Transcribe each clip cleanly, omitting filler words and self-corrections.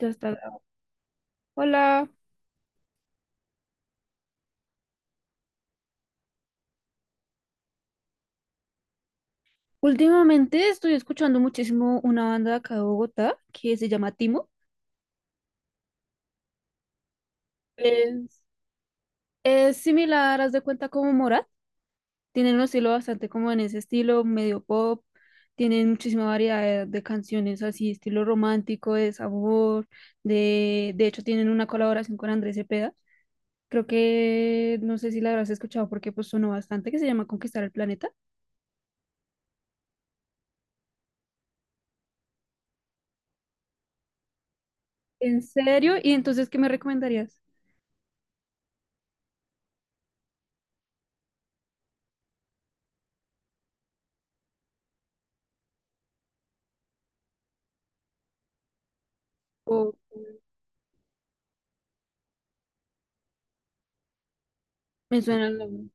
Ya está grabado. Hola. Últimamente estoy escuchando muchísimo una banda de acá de Bogotá que se llama Timo. Es, es similar, haz de cuenta como Morat. Tienen un estilo bastante como en ese estilo, medio pop. Tienen muchísima variedad de canciones así, estilo romántico, de sabor. De hecho, tienen una colaboración con Andrés Cepeda. Creo que no sé si la habrás escuchado porque pues sonó bastante, que se llama Conquistar el Planeta. ¿En serio? ¿Y entonces qué me recomendarías? O- Me suena el nombre.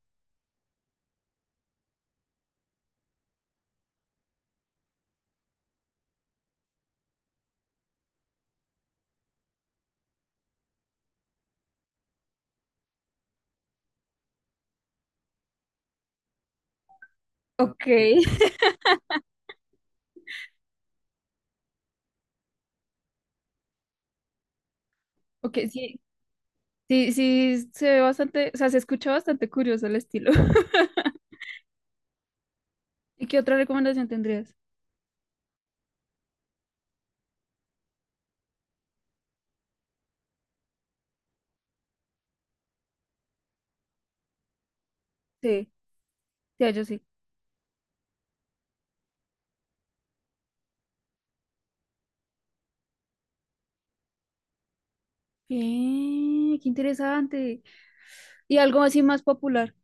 Ok. ok, sí, sí, sí, se ve bastante, o sea, se escucha bastante curioso el estilo. ¿Y qué otra recomendación tendrías? Sí, sí, yo sí. Bien, qué interesante. Y algo así más popular.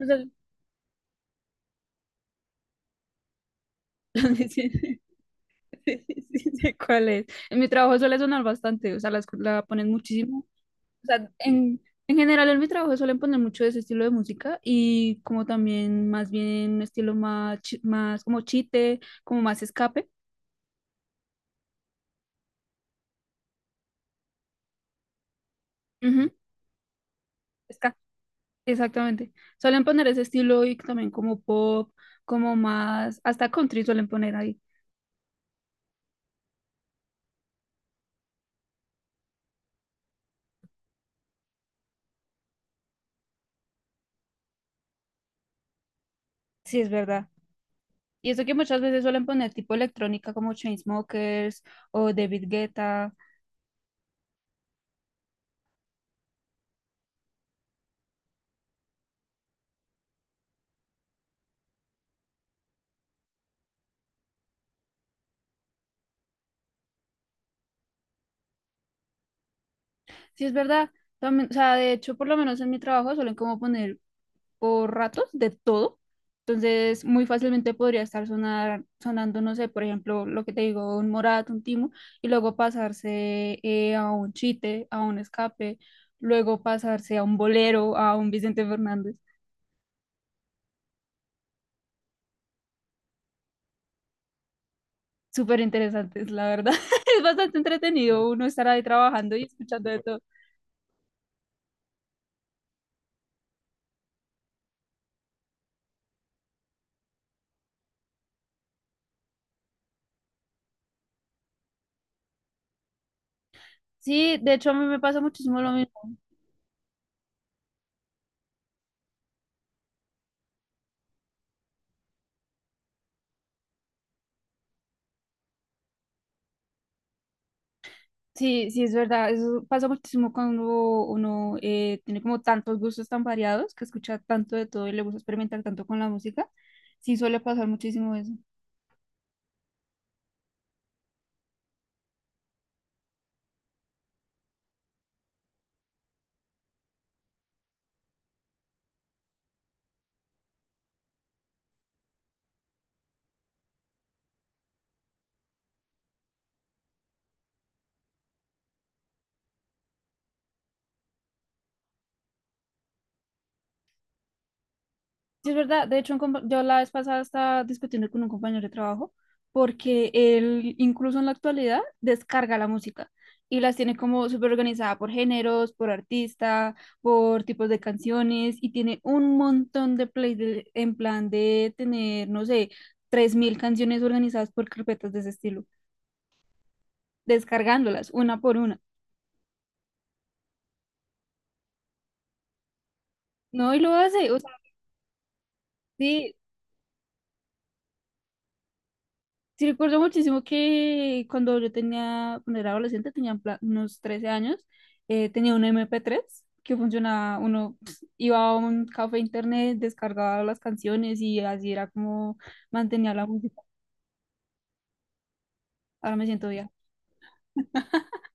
O sea, sí, sí, sí, sí sé cuál es. En mi trabajo suele sonar bastante, o sea, la ponen muchísimo. O sea, en general en mi trabajo suelen poner mucho de ese estilo de música y como también más bien un estilo más, más como chite, como más escape. Ujú. Exactamente. Suelen poner ese estilo y también como pop, como más, hasta country suelen poner ahí. Sí, es verdad. Y eso que muchas veces suelen poner tipo electrónica como Chainsmokers o David Guetta. Sí, es verdad. También, o sea, de hecho, por lo menos en mi trabajo suelen como poner por ratos de todo. Entonces, muy fácilmente podría estar sonando, no sé, por ejemplo, lo que te digo, un Morat, un Timo, y luego pasarse a un Chite, a un Escape, luego pasarse a un Bolero, a un Vicente Fernández. Súper interesantes, la verdad. Es bastante entretenido uno estar ahí trabajando y escuchando de todo. Sí, de hecho a mí me pasa muchísimo lo mismo. Sí, sí, es verdad. Eso pasa muchísimo cuando uno tiene como tantos gustos tan variados, que escucha tanto de todo y le gusta experimentar tanto con la música. Sí, suele pasar muchísimo eso. Sí, es verdad. De hecho, un yo la vez pasada estaba discutiendo con un compañero de trabajo porque él incluso en la actualidad descarga la música y las tiene como súper organizada por géneros, por artista, por tipos de canciones y tiene un montón de plays en plan de tener, no sé, 3000 canciones organizadas por carpetas de ese estilo, descargándolas una por una. No, y lo hace. O sea, sí. Sí, recuerdo muchísimo que cuando yo tenía, cuando era adolescente, tenía en plan unos 13 años, tenía un MP3 que funcionaba, uno pues, iba a un café internet, descargaba las canciones y así era como mantenía la música. Ahora me siento vieja.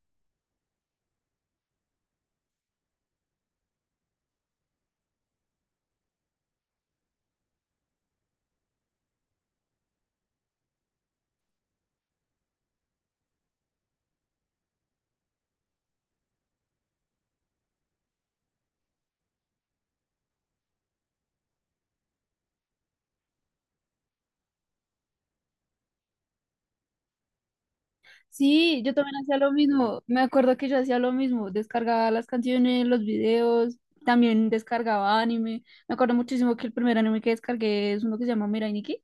Sí, yo también hacía lo mismo. Me acuerdo que yo hacía lo mismo. Descargaba las canciones, los videos, también descargaba anime. Me acuerdo muchísimo que el primer anime que descargué es uno que se llama Mirai Nikki.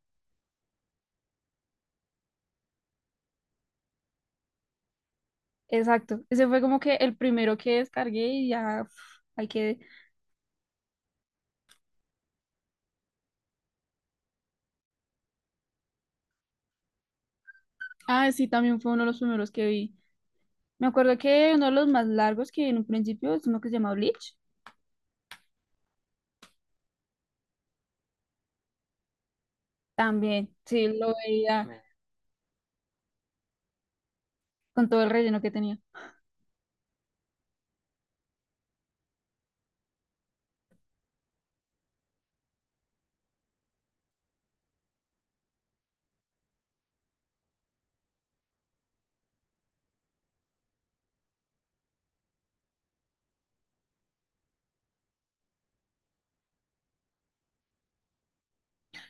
Exacto, ese fue como que el primero que descargué y ya uf, hay que... Ah, sí, también fue uno de los primeros que vi. Me acuerdo que uno de los más largos que vi en un principio es uno que se llama Bleach. También, sí, lo veía con todo el relleno que tenía.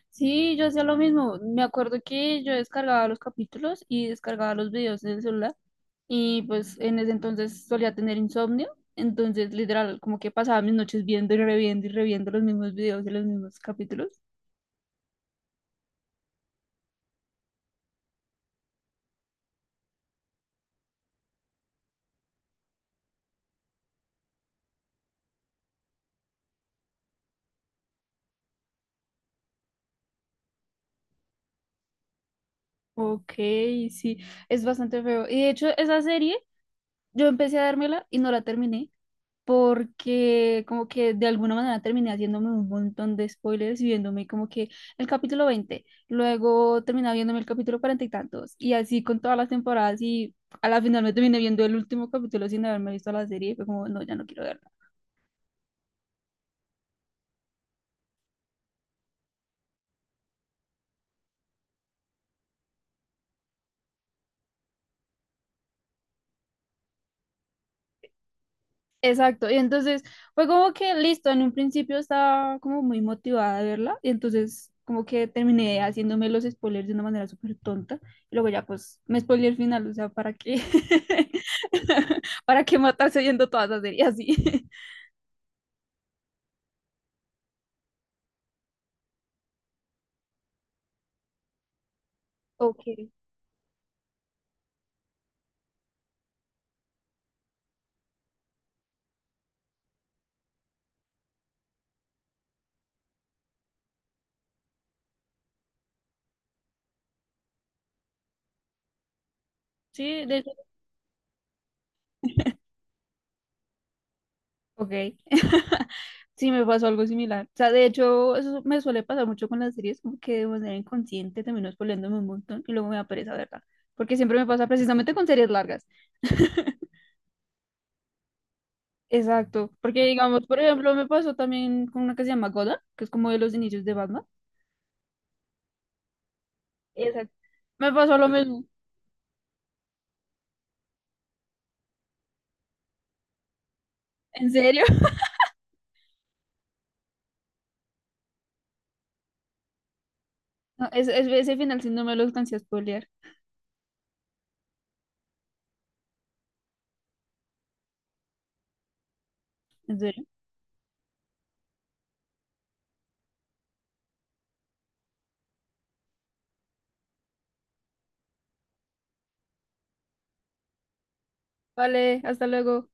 Sí, yo hacía lo mismo. Me acuerdo que yo descargaba los capítulos y descargaba los videos en el celular y pues en ese entonces solía tener insomnio. Entonces, literal, como que pasaba mis noches viendo y reviendo los mismos videos y los mismos capítulos. Ok, sí, es bastante feo. Y de hecho, esa serie, yo empecé a dármela y no la terminé porque como que de alguna manera terminé haciéndome un montón de spoilers y viéndome como que el capítulo 20 luego terminaba viéndome el capítulo 40 y tantos, y así con todas las temporadas y a la final me terminé viendo el último capítulo sin haberme visto la serie y fue como, no, ya no quiero. Exacto, y entonces fue como que listo, en un principio estaba como muy motivada de verla, y entonces como que terminé haciéndome los spoilers de una manera súper tonta, y luego ya pues me spoilé el final, o sea, ¿para qué? ¿Para qué matarse viendo todas las series así? Ok, sí, de hecho, ok. Sí, me pasó algo similar. O sea, de hecho, eso me suele pasar mucho con las series, como que de manera inconsciente termino spoileándome un montón y luego me da pereza verla. Porque siempre me pasa precisamente con series largas. Exacto, porque digamos, por ejemplo, me pasó también con una que se llama Gotham, que es como de los inicios de Batman. Exacto. Me pasó lo mismo. ¿En serio? No, ese final sí no me lo alcancé a spoilear. ¿En serio? Vale, hasta luego.